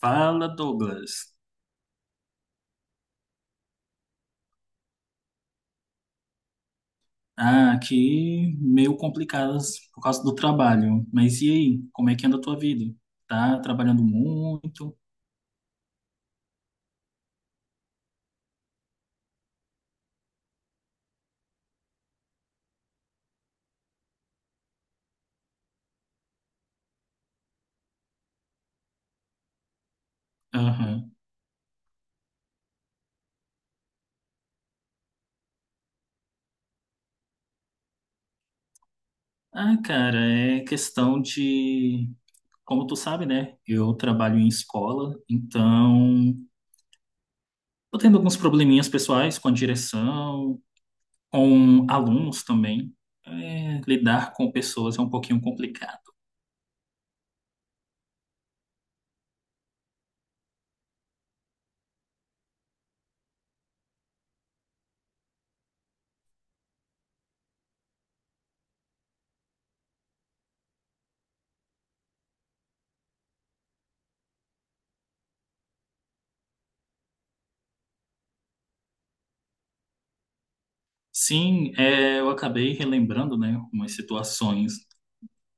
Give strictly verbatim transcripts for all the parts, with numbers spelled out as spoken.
Fala, Douglas. Ah, aqui meio complicadas por causa do trabalho. Mas e aí? Como é que anda a tua vida? Tá trabalhando muito? Aham. Ah, cara, é questão de. Como tu sabe, né? Eu trabalho em escola, então tô tendo alguns probleminhas pessoais com a direção, com alunos também. É, lidar com pessoas é um pouquinho complicado. Sim, é, eu acabei relembrando, né, umas situações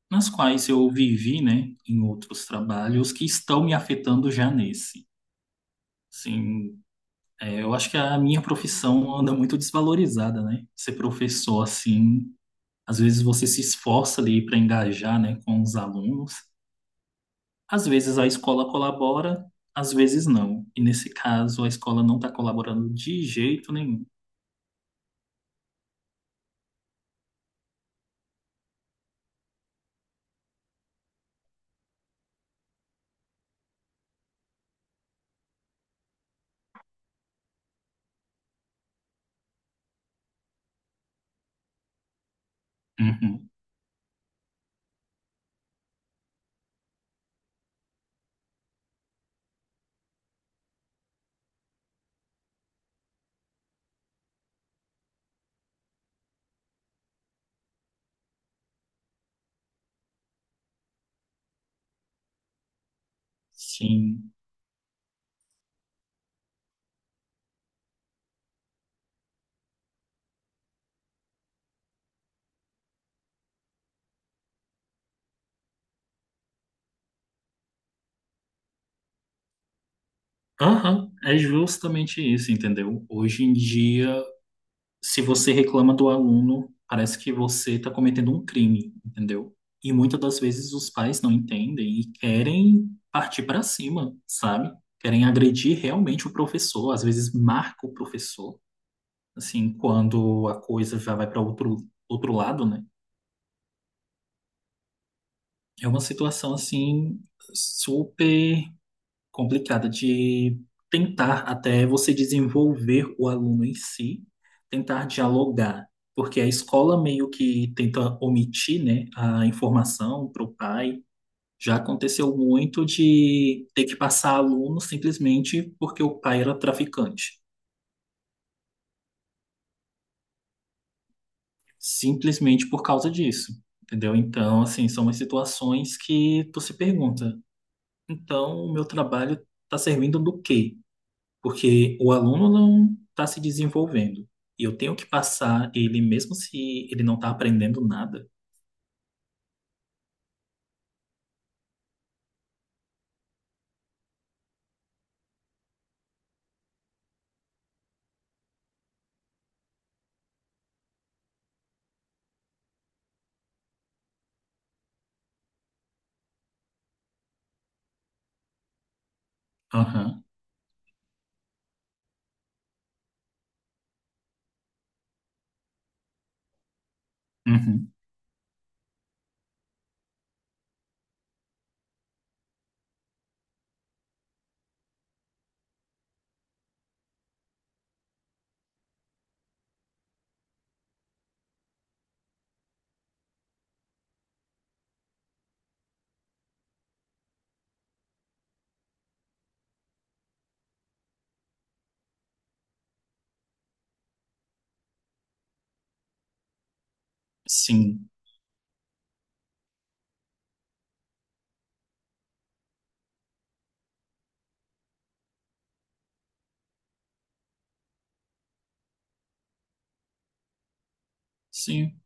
nas quais eu vivi, né, em outros trabalhos que estão me afetando já nesse. Sim, é, eu acho que a minha profissão anda muito desvalorizada, né? Ser professor assim, às vezes você se esforça ali para engajar, né, com os alunos. Às vezes a escola colabora, às vezes não. E nesse caso a escola não está colaborando de jeito nenhum. Uhum. Sim. Aham, é justamente isso, entendeu? Hoje em dia, se você reclama do aluno, parece que você está cometendo um crime, entendeu? E muitas das vezes os pais não entendem e querem partir para cima, sabe? Querem agredir realmente o professor, às vezes marca o professor, assim, quando a coisa já vai para outro, outro lado, né? É uma situação, assim, super complicada de tentar até você desenvolver o aluno em si, tentar dialogar, porque a escola meio que tenta omitir, né, a informação para o pai. Já aconteceu muito de ter que passar aluno simplesmente porque o pai era traficante, simplesmente por causa disso, entendeu? Então, assim, são umas situações que tu se pergunta, então o meu trabalho está servindo do quê? Porque o aluno não está se desenvolvendo. E eu tenho que passar ele, mesmo se ele não está aprendendo nada. Aham, uhum. Sim, sim,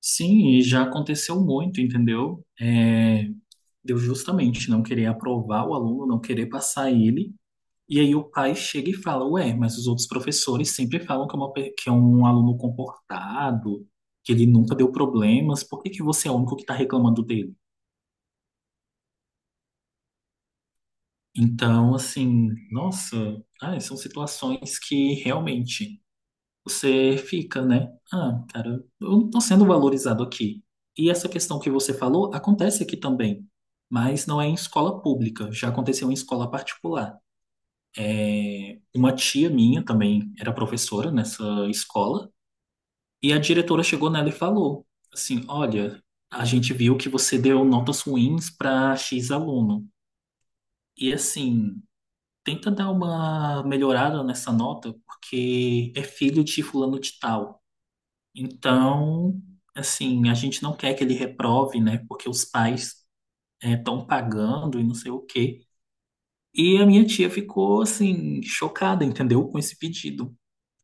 sim, e já aconteceu muito, entendeu? É, deu justamente não querer aprovar o aluno, não querer passar ele, e aí o pai chega e fala, ué, mas os outros professores sempre falam que é, uma pe- que é um aluno comportado, que ele nunca deu problemas, por que que você é o único que está reclamando dele? Então, assim, nossa, ai, são situações que realmente você fica, né? Ah, cara, eu não tô sendo valorizado aqui. E essa questão que você falou acontece aqui também, mas não é em escola pública, já aconteceu em escola particular. É, uma tia minha também era professora nessa escola, e a diretora chegou nela e falou assim: Olha, a gente viu que você deu notas ruins para X aluno. E assim, tenta dar uma melhorada nessa nota, porque é filho de fulano de tal. Então, assim, a gente não quer que ele reprove, né? Porque os pais estão pagando e não sei o quê. E a minha tia ficou, assim, chocada, entendeu? Com esse pedido.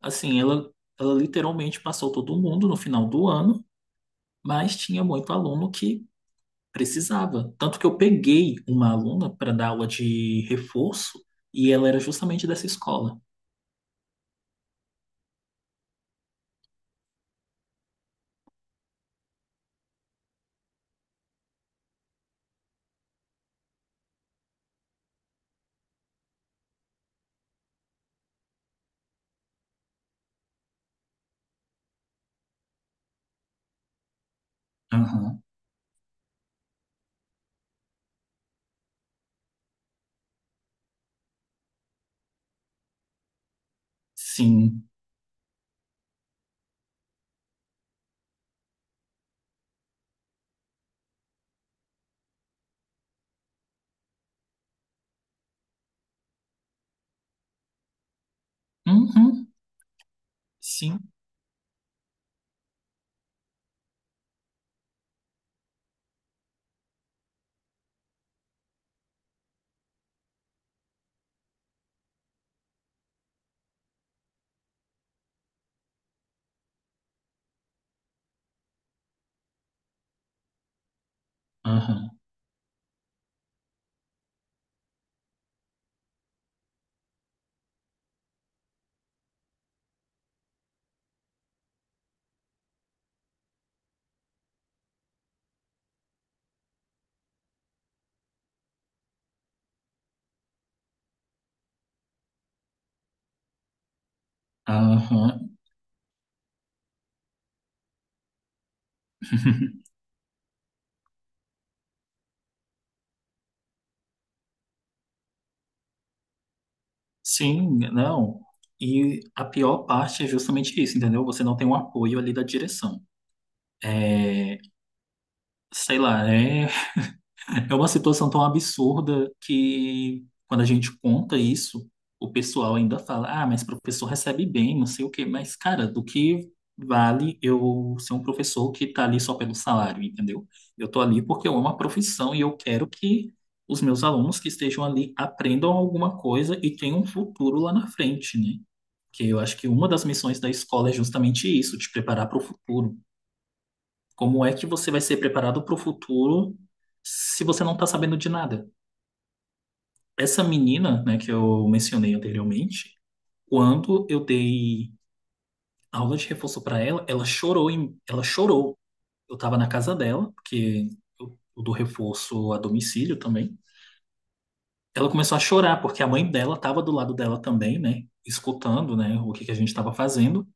Assim, ela, ela literalmente passou todo mundo no final do ano, mas tinha muito aluno que precisava. Tanto que eu peguei uma aluna para dar aula de reforço e ela era justamente dessa escola. Aham. Sim. Uhum. Sim. Aham. Aham. Sim, não. E a pior parte é justamente isso, entendeu? Você não tem um apoio ali da direção. É, sei lá, é. É uma situação tão absurda que, quando a gente conta isso, o pessoal ainda fala: ah, mas professor recebe bem, não sei o quê. Mas, cara, do que vale eu ser um professor que tá ali só pelo salário, entendeu? Eu tô ali porque eu amo a profissão e eu quero que os meus alunos que estejam ali aprendam alguma coisa e tenham um futuro lá na frente, né? Que eu acho que uma das missões da escola é justamente isso, te preparar para o futuro. Como é que você vai ser preparado para o futuro se você não está sabendo de nada? Essa menina, né, que eu mencionei anteriormente, quando eu dei aula de reforço para ela, ela chorou em, ela chorou. Eu estava na casa dela, porque eu, eu dou reforço a domicílio também. Ela começou a chorar porque a mãe dela estava do lado dela também, né, escutando, né, o que que a gente estava fazendo.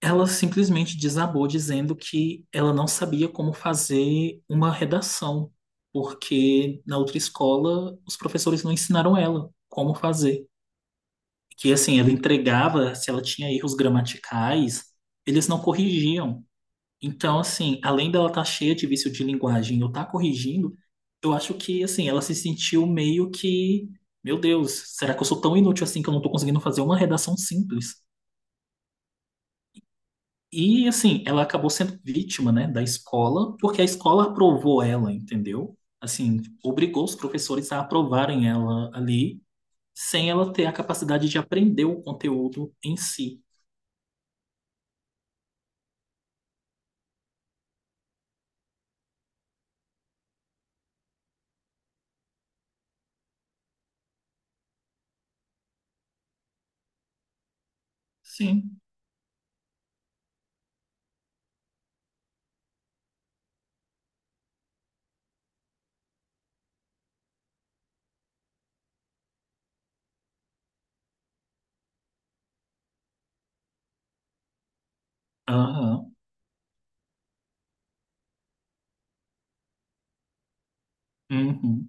Ela simplesmente desabou dizendo que ela não sabia como fazer uma redação, porque na outra escola os professores não ensinaram ela como fazer. Que assim, ela entregava, se ela tinha erros gramaticais, eles não corrigiam. Então, assim, além dela estar cheia de vício de linguagem, eu estar corrigindo, eu acho que assim, ela se sentiu meio que, meu Deus, será que eu sou tão inútil assim que eu não estou conseguindo fazer uma redação simples? E assim, ela acabou sendo vítima, né, da escola, porque a escola aprovou ela, entendeu? Assim, obrigou os professores a aprovarem ela ali, sem ela ter a capacidade de aprender o conteúdo em si. Sim. Aham. Uhum.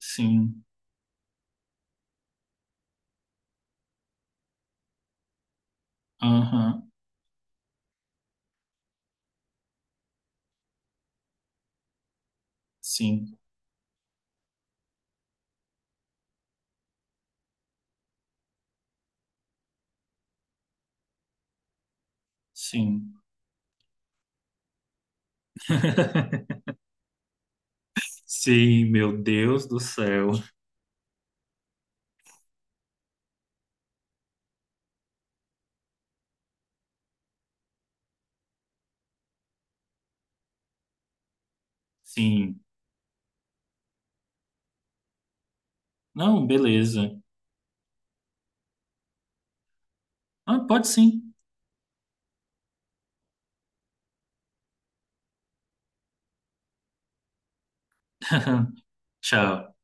Sim. Aham. Sim. Sim. Sim, meu Deus do céu. Sim. Não, beleza. Ah, pode sim. Tchau.